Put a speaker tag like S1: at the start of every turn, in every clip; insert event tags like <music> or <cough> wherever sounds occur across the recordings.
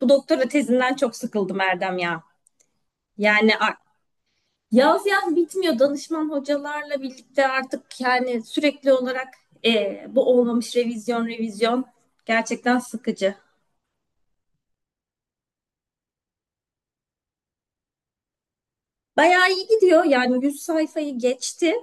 S1: Bu doktora tezinden çok sıkıldım Erdem ya. Yani yaz yaz bitmiyor danışman hocalarla birlikte, artık yani sürekli olarak bu olmamış, revizyon revizyon, gerçekten sıkıcı. Bayağı iyi gidiyor, yani 100 sayfayı geçti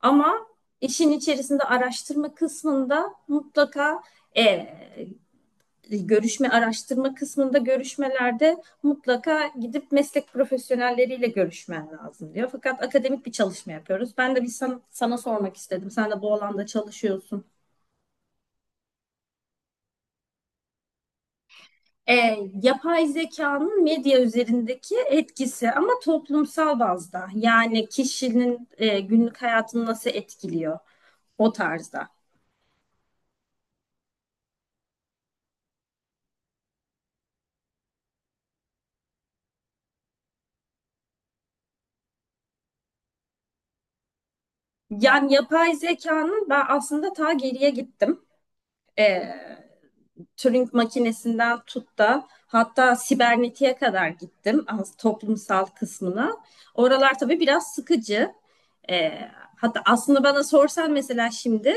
S1: ama işin içerisinde araştırma kısmında mutlaka e, görüşme, araştırma kısmında görüşmelerde mutlaka gidip meslek profesyonelleriyle görüşmen lazım diyor. Fakat akademik bir çalışma yapıyoruz. Ben de bir sana sormak istedim. Sen de bu alanda çalışıyorsun. E, Yapay zekanın medya üzerindeki etkisi, ama toplumsal bazda. Yani kişinin günlük hayatını nasıl etkiliyor, o tarzda. Yani yapay zekanın, ben aslında ta geriye gittim. E, Turing makinesinden tut da hatta sibernetiğe kadar gittim, az toplumsal kısmına. Oralar tabii biraz sıkıcı. E, Hatta aslında bana sorsan, mesela şimdi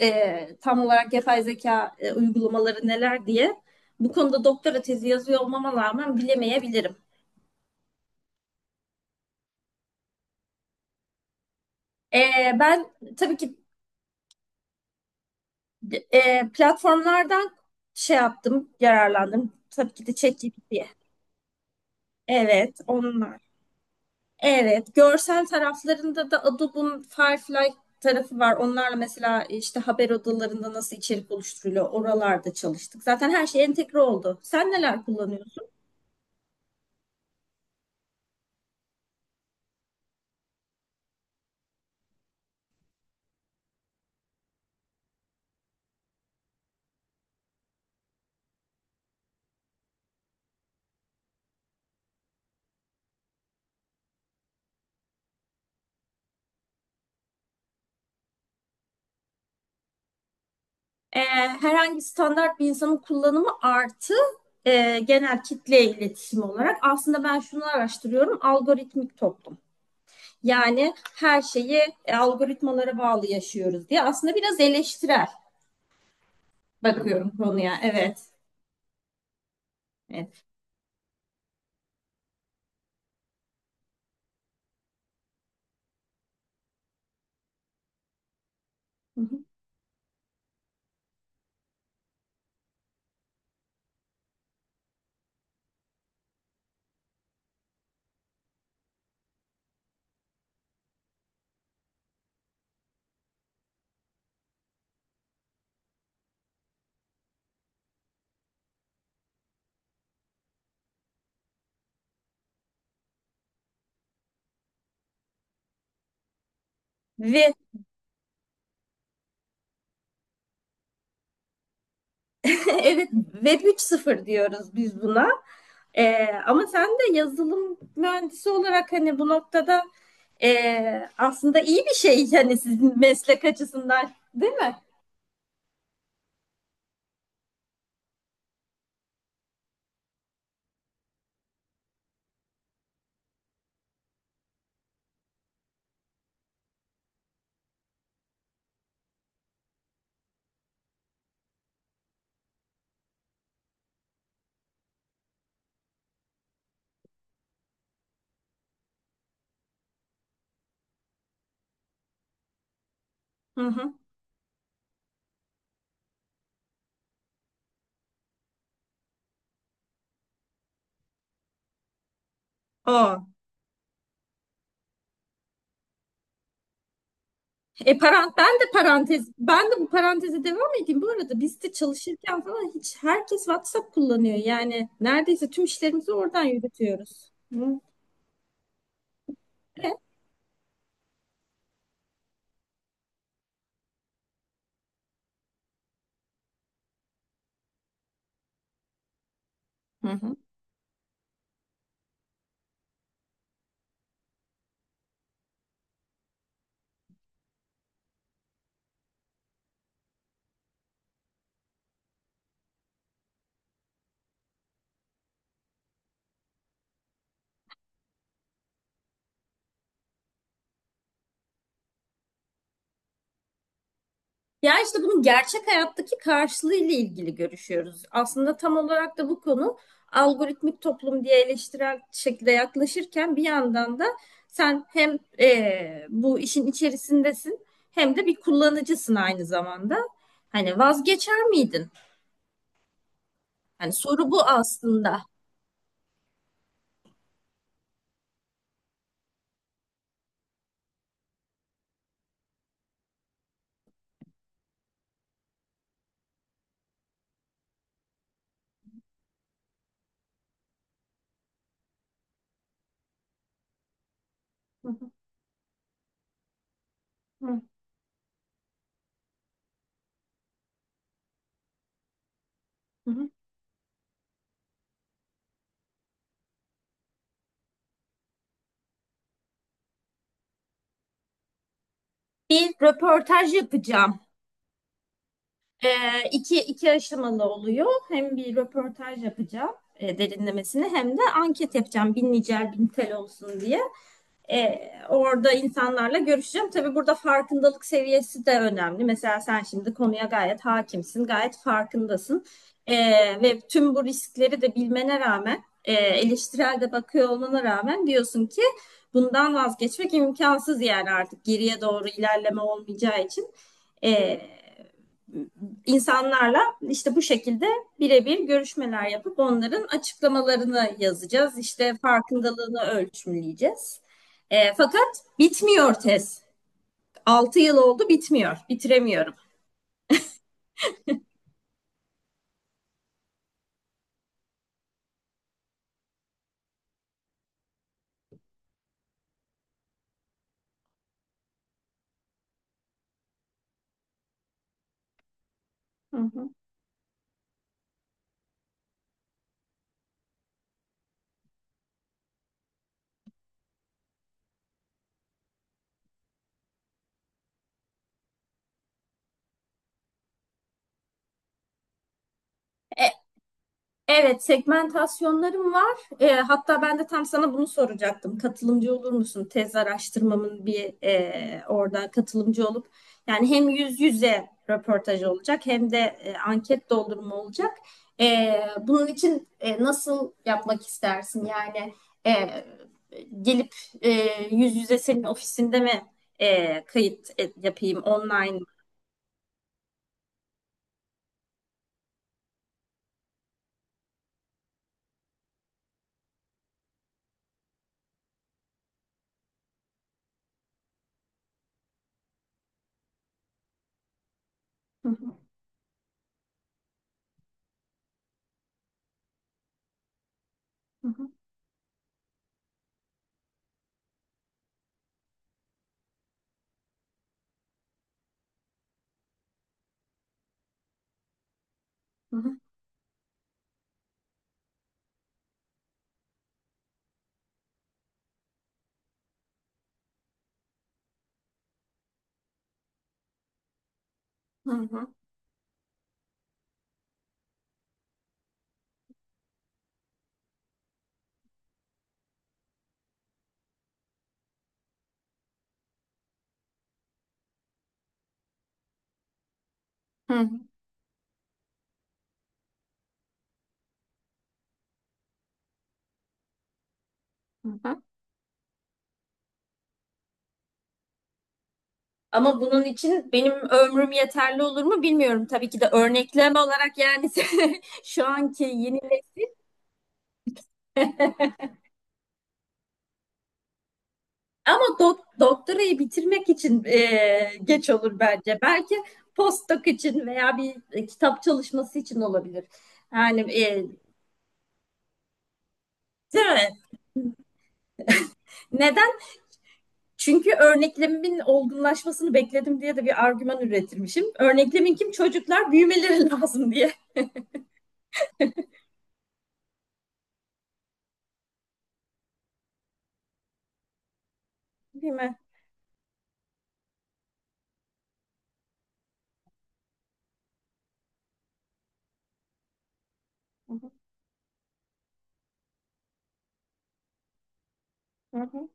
S1: tam olarak yapay zeka uygulamaları neler diye, bu konuda doktora tezi yazıyor olmama rağmen bilemeyebilirim. E, ben tabii ki platformlardan şey yaptım, yararlandım. Tabii ki de ChatGPT'ye. Evet, onlar. Evet, görsel taraflarında da Adobe'un Firefly tarafı var. Onlarla mesela işte haber odalarında nasıl içerik oluşturuluyor, oralarda çalıştık. Zaten her şey entegre oldu. Sen neler kullanıyorsun? Ee, Herhangi standart bir insanın kullanımı, artı genel kitle iletişimi olarak aslında ben şunu araştırıyorum: algoritmik toplum. Yani her şeyi algoritmalara bağlı yaşıyoruz diye, aslında biraz eleştirel bakıyorum konuya. Evet. Evet. Hı hı. Ve evet, Web 3.0 diyoruz biz buna. Ama sen de yazılım mühendisi olarak, hani bu noktada aslında iyi bir şey, hani sizin meslek açısından, değil mi? Hı hı. O. E, parant ben de parantez Ben de bu paranteze devam edeyim. Bu arada biz de çalışırken falan hiç, herkes WhatsApp kullanıyor. Yani neredeyse tüm işlerimizi oradan yürütüyoruz. Hı hı. Ya işte bunun gerçek hayattaki karşılığı ile ilgili görüşüyoruz. Aslında tam olarak da bu konu, algoritmik toplum diye eleştirel şekilde yaklaşırken bir yandan da sen hem bu işin içerisindesin, hem de bir kullanıcısın aynı zamanda. Hani vazgeçer miydin? Hani soru bu aslında. Hı hı, hı hı. Bir röportaj yapacağım. Ee, iki, iki aşamalı oluyor. Hem bir röportaj yapacağım derinlemesine, hem de anket yapacağım. 1000 nicel 1000 tel olsun diye. E, Orada insanlarla görüşeceğim. Tabii burada farkındalık seviyesi de önemli. Mesela sen şimdi konuya gayet hakimsin, gayet farkındasın. E, Ve tüm bu riskleri de bilmene rağmen, eleştirel de bakıyor olmana rağmen, diyorsun ki bundan vazgeçmek imkansız, yani artık geriye doğru ilerleme olmayacağı için. E, insanlarla işte bu şekilde birebir görüşmeler yapıp onların açıklamalarını yazacağız. İşte farkındalığını ölçümleyeceğiz. Fakat bitmiyor tez. 6 yıl oldu, bitmiyor. Bitiremiyorum. Hı hı. E, Evet, segmentasyonlarım var. Hatta ben de tam sana bunu soracaktım. Katılımcı olur musun? Tez araştırmamın bir orada katılımcı olup, yani hem yüz yüze röportaj olacak, hem de anket doldurma olacak. Bunun için nasıl yapmak istersin? Yani e, gelip e, yüz yüze senin ofisinde mi kayıt yapayım, online? Hı hı, hı hı, hı hı, hı hı, hı hı. Ama bunun için benim ömrüm yeterli olur mu bilmiyorum. Tabii ki de örneklem olarak, yani <laughs> şu anki yeni <laughs> ama doktorayı bitirmek için geç olur bence. Belki postdoc için veya bir kitap çalışması için olabilir. Yani değil mi? Neden? Çünkü örneklemimin olgunlaşmasını bekledim diye de bir argüman üretirmişim. Örneklemin kim? Çocuklar büyümeleri <laughs> lazım diye. Değil mi? Hı hı, hı hı.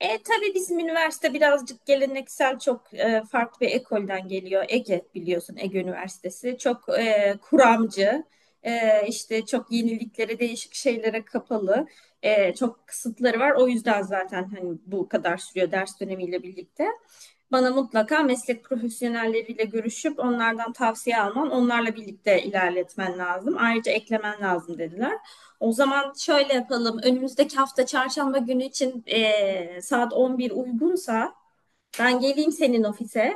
S1: Tabii bizim üniversite birazcık geleneksel, çok farklı bir ekolden geliyor. Ege biliyorsun, Ege Üniversitesi çok kuramcı, işte çok yeniliklere, değişik şeylere kapalı, çok kısıtları var. O yüzden zaten hani bu kadar sürüyor ders dönemiyle birlikte. Bana mutlaka meslek profesyonelleriyle görüşüp onlardan tavsiye alman, onlarla birlikte ilerletmen lazım. Ayrıca eklemen lazım dediler. O zaman şöyle yapalım. Önümüzdeki hafta çarşamba günü için saat 11 uygunsa ben geleyim senin ofise.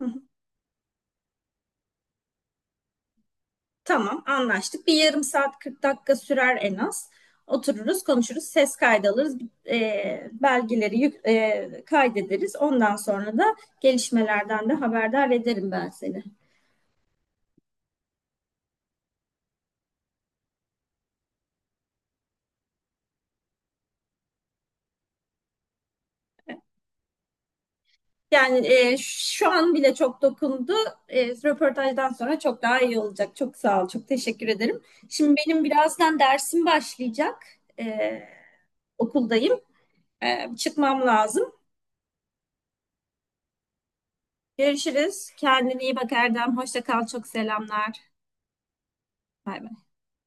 S1: <laughs> Tamam, anlaştık. Bir yarım saat 40 dakika sürer en az. Otururuz, konuşuruz, ses kaydı alırız, belgeleri kaydederiz. Ondan sonra da gelişmelerden de haberdar ederim ben seni. Yani şu an bile çok dokundu. Röportajdan sonra çok daha iyi olacak. Çok sağ ol, çok teşekkür ederim. Şimdi benim birazdan dersim başlayacak. E, Okuldayım. Çıkmam lazım. Görüşürüz. Kendine iyi bak Erdem. Hoşça kal. Çok selamlar. Bay bay.